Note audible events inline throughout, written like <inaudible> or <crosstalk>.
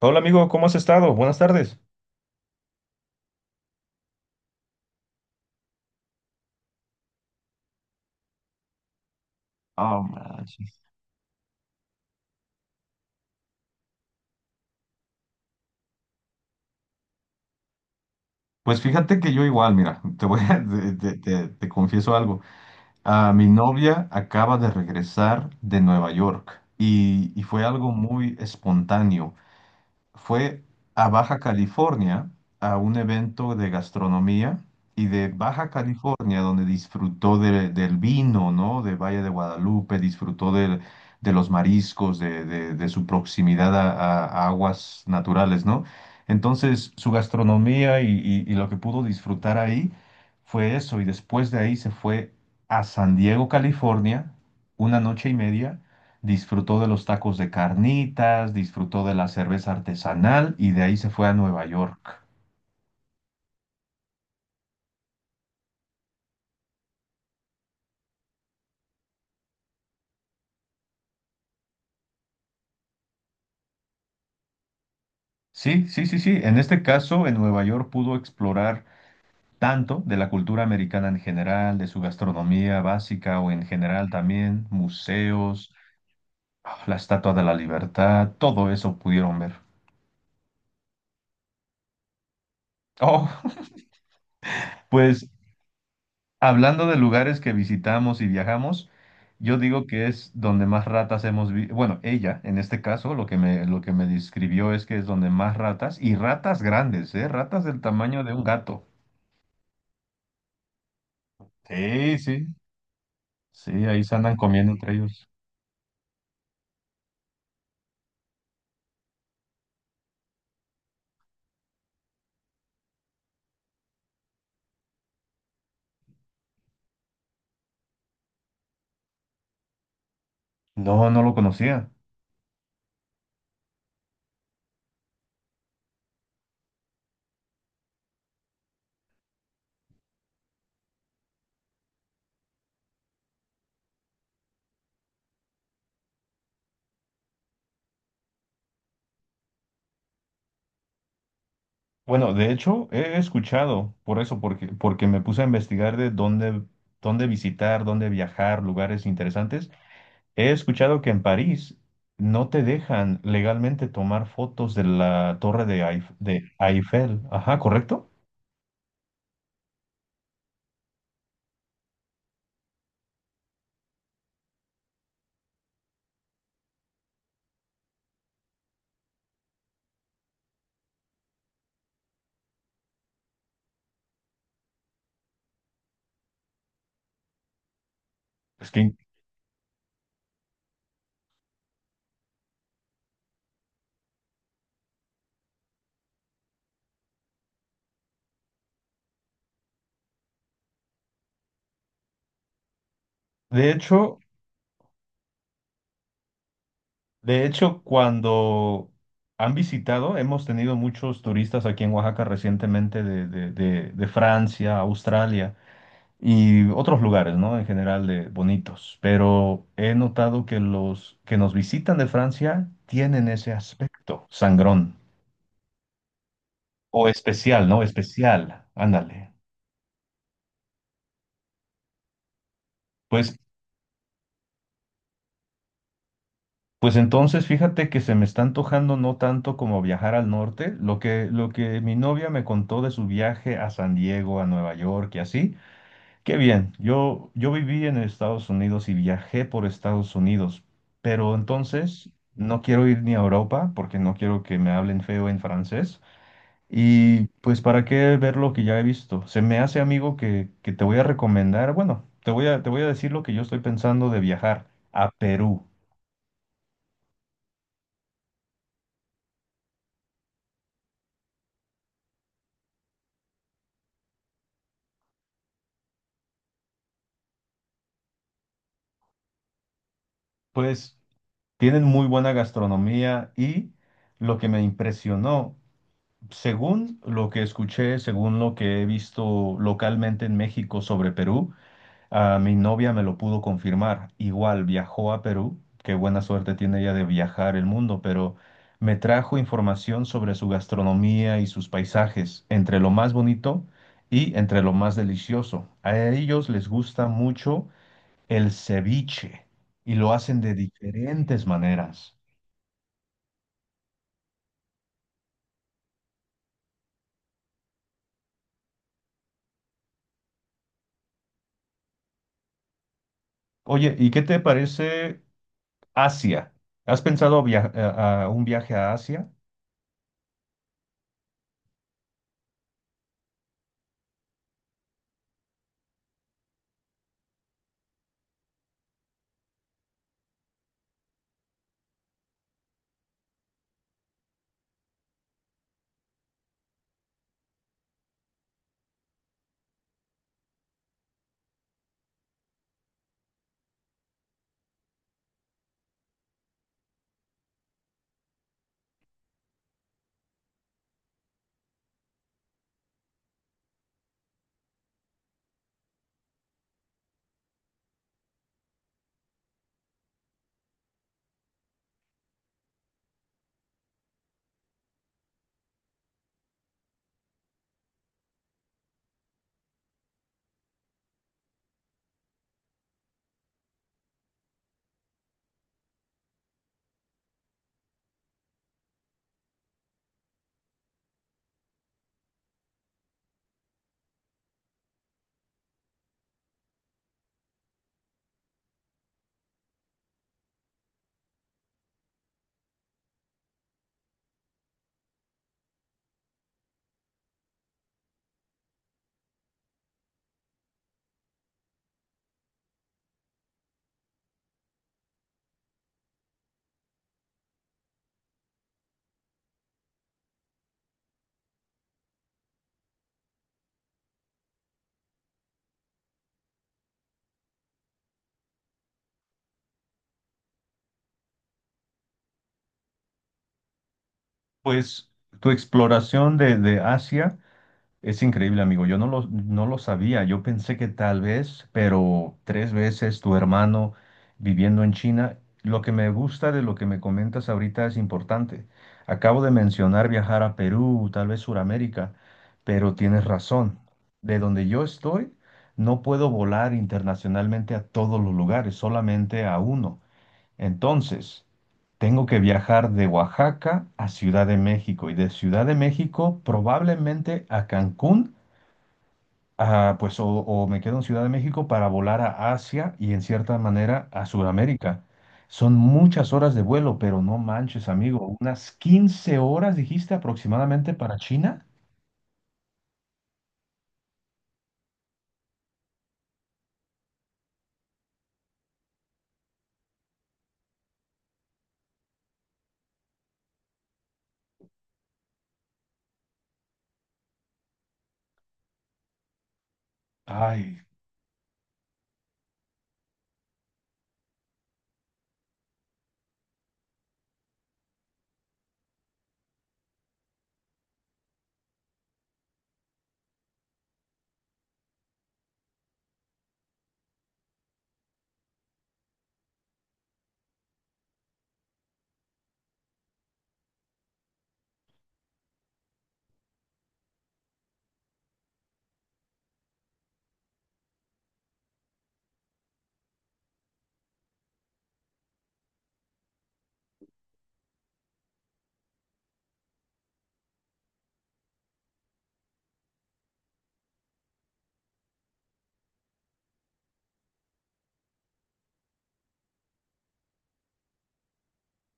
Hola amigo, ¿cómo has estado? Buenas tardes. Ah, manches. Pues fíjate que yo igual, mira, <laughs> te voy a, <laughs> te confieso algo. Ah, mi novia acaba de regresar de Nueva York y fue algo muy espontáneo. Fue a Baja California a un evento de gastronomía y de Baja California, donde disfrutó del vino, ¿no? De Valle de Guadalupe, disfrutó de los mariscos, de su proximidad a, a aguas naturales, ¿no? Entonces, su gastronomía y lo que pudo disfrutar ahí fue eso, y después de ahí se fue a San Diego, California, una noche y media disfrutó de los tacos de carnitas, disfrutó de la cerveza artesanal y de ahí se fue a Nueva York. Sí, sí, sí, sí. En este caso, en Nueva York pudo explorar tanto de la cultura americana en general, de su gastronomía básica o en general también, museos, la Estatua de la Libertad, todo eso pudieron ver. Oh, <laughs> pues hablando de lugares que visitamos y viajamos, yo digo que es donde más ratas hemos visto. Bueno, ella, en este caso, lo que me describió es que es donde más ratas, y ratas grandes, ¿eh? Ratas del tamaño de un gato. Sí, sí. Sí, ahí se andan comiendo entre ellos. No, no lo conocía. Bueno, de hecho, he escuchado por eso, porque me puse a investigar de dónde, dónde visitar, dónde viajar, lugares interesantes. He escuchado que en París no te dejan legalmente tomar fotos de la torre de, de Eiffel. Ajá, ¿correcto? Es que, de hecho, de hecho, cuando han visitado, hemos tenido muchos turistas aquí en Oaxaca recientemente de Francia, Australia y otros lugares, ¿no? En general de bonitos. Pero he notado que los que nos visitan de Francia tienen ese aspecto sangrón o especial, ¿no? Especial. Ándale. Pues, pues entonces fíjate que se me está antojando no tanto como viajar al norte, lo que mi novia me contó de su viaje a San Diego, a Nueva York y así, qué bien, yo viví en Estados Unidos y viajé por Estados Unidos, pero entonces no quiero ir ni a Europa porque no quiero que me hablen feo en francés y pues para qué ver lo que ya he visto. Se me hace amigo que te voy a recomendar, bueno, te voy a decir lo que yo estoy pensando de viajar a Perú. Pues tienen muy buena gastronomía y lo que me impresionó, según lo que escuché, según lo que he visto localmente en México sobre Perú, a mi novia me lo pudo confirmar. Igual viajó a Perú, qué buena suerte tiene ella de viajar el mundo, pero me trajo información sobre su gastronomía y sus paisajes, entre lo más bonito y entre lo más delicioso. A ellos les gusta mucho el ceviche y lo hacen de diferentes maneras. Oye, ¿y qué te parece Asia? ¿Has pensado a un viaje a Asia? Pues tu exploración de Asia. Es increíble, amigo. Yo no lo, no lo sabía. Yo pensé que tal vez, pero tres veces tu hermano viviendo en China. Lo que me gusta de lo que me comentas ahorita es importante. Acabo de mencionar viajar a Perú, tal vez Suramérica, pero tienes razón. De donde yo estoy, no puedo volar internacionalmente a todos los lugares, solamente a uno. Entonces, tengo que viajar de Oaxaca a Ciudad de México y de Ciudad de México probablemente a Cancún, ah, pues o me quedo en Ciudad de México para volar a Asia y en cierta manera a Sudamérica. Son muchas horas de vuelo, pero no manches, amigo, unas 15 horas dijiste aproximadamente para China. Ay,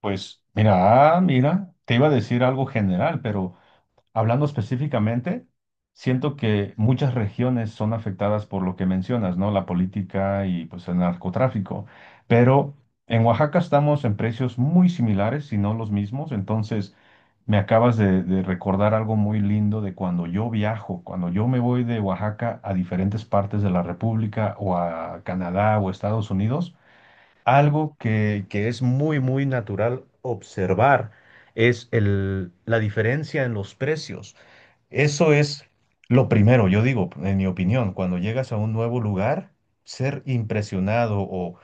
pues mira, mira, te iba a decir algo general, pero hablando específicamente, siento que muchas regiones son afectadas por lo que mencionas, ¿no? La política y pues el narcotráfico. Pero en Oaxaca estamos en precios muy similares, si no los mismos. Entonces, de recordar algo muy lindo de cuando yo viajo, cuando yo me voy de Oaxaca a diferentes partes de la República o a Canadá o Estados Unidos. Algo que es muy natural observar es la diferencia en los precios. Eso es lo primero, yo digo, en mi opinión, cuando llegas a un nuevo lugar, ser impresionado o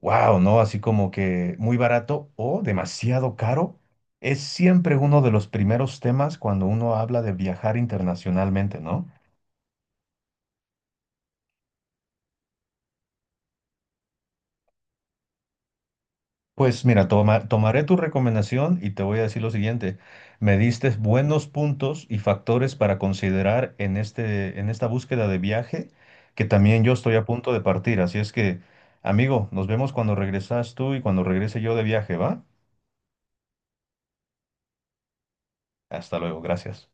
wow, ¿no? Así como que muy barato o demasiado caro, es siempre uno de los primeros temas cuando uno habla de viajar internacionalmente, ¿no? Pues mira, tomaré tu recomendación y te voy a decir lo siguiente. Me diste buenos puntos y factores para considerar en esta búsqueda de viaje, que también yo estoy a punto de partir. Así es que, amigo, nos vemos cuando regresas tú y cuando regrese yo de viaje, ¿va? Hasta luego, gracias.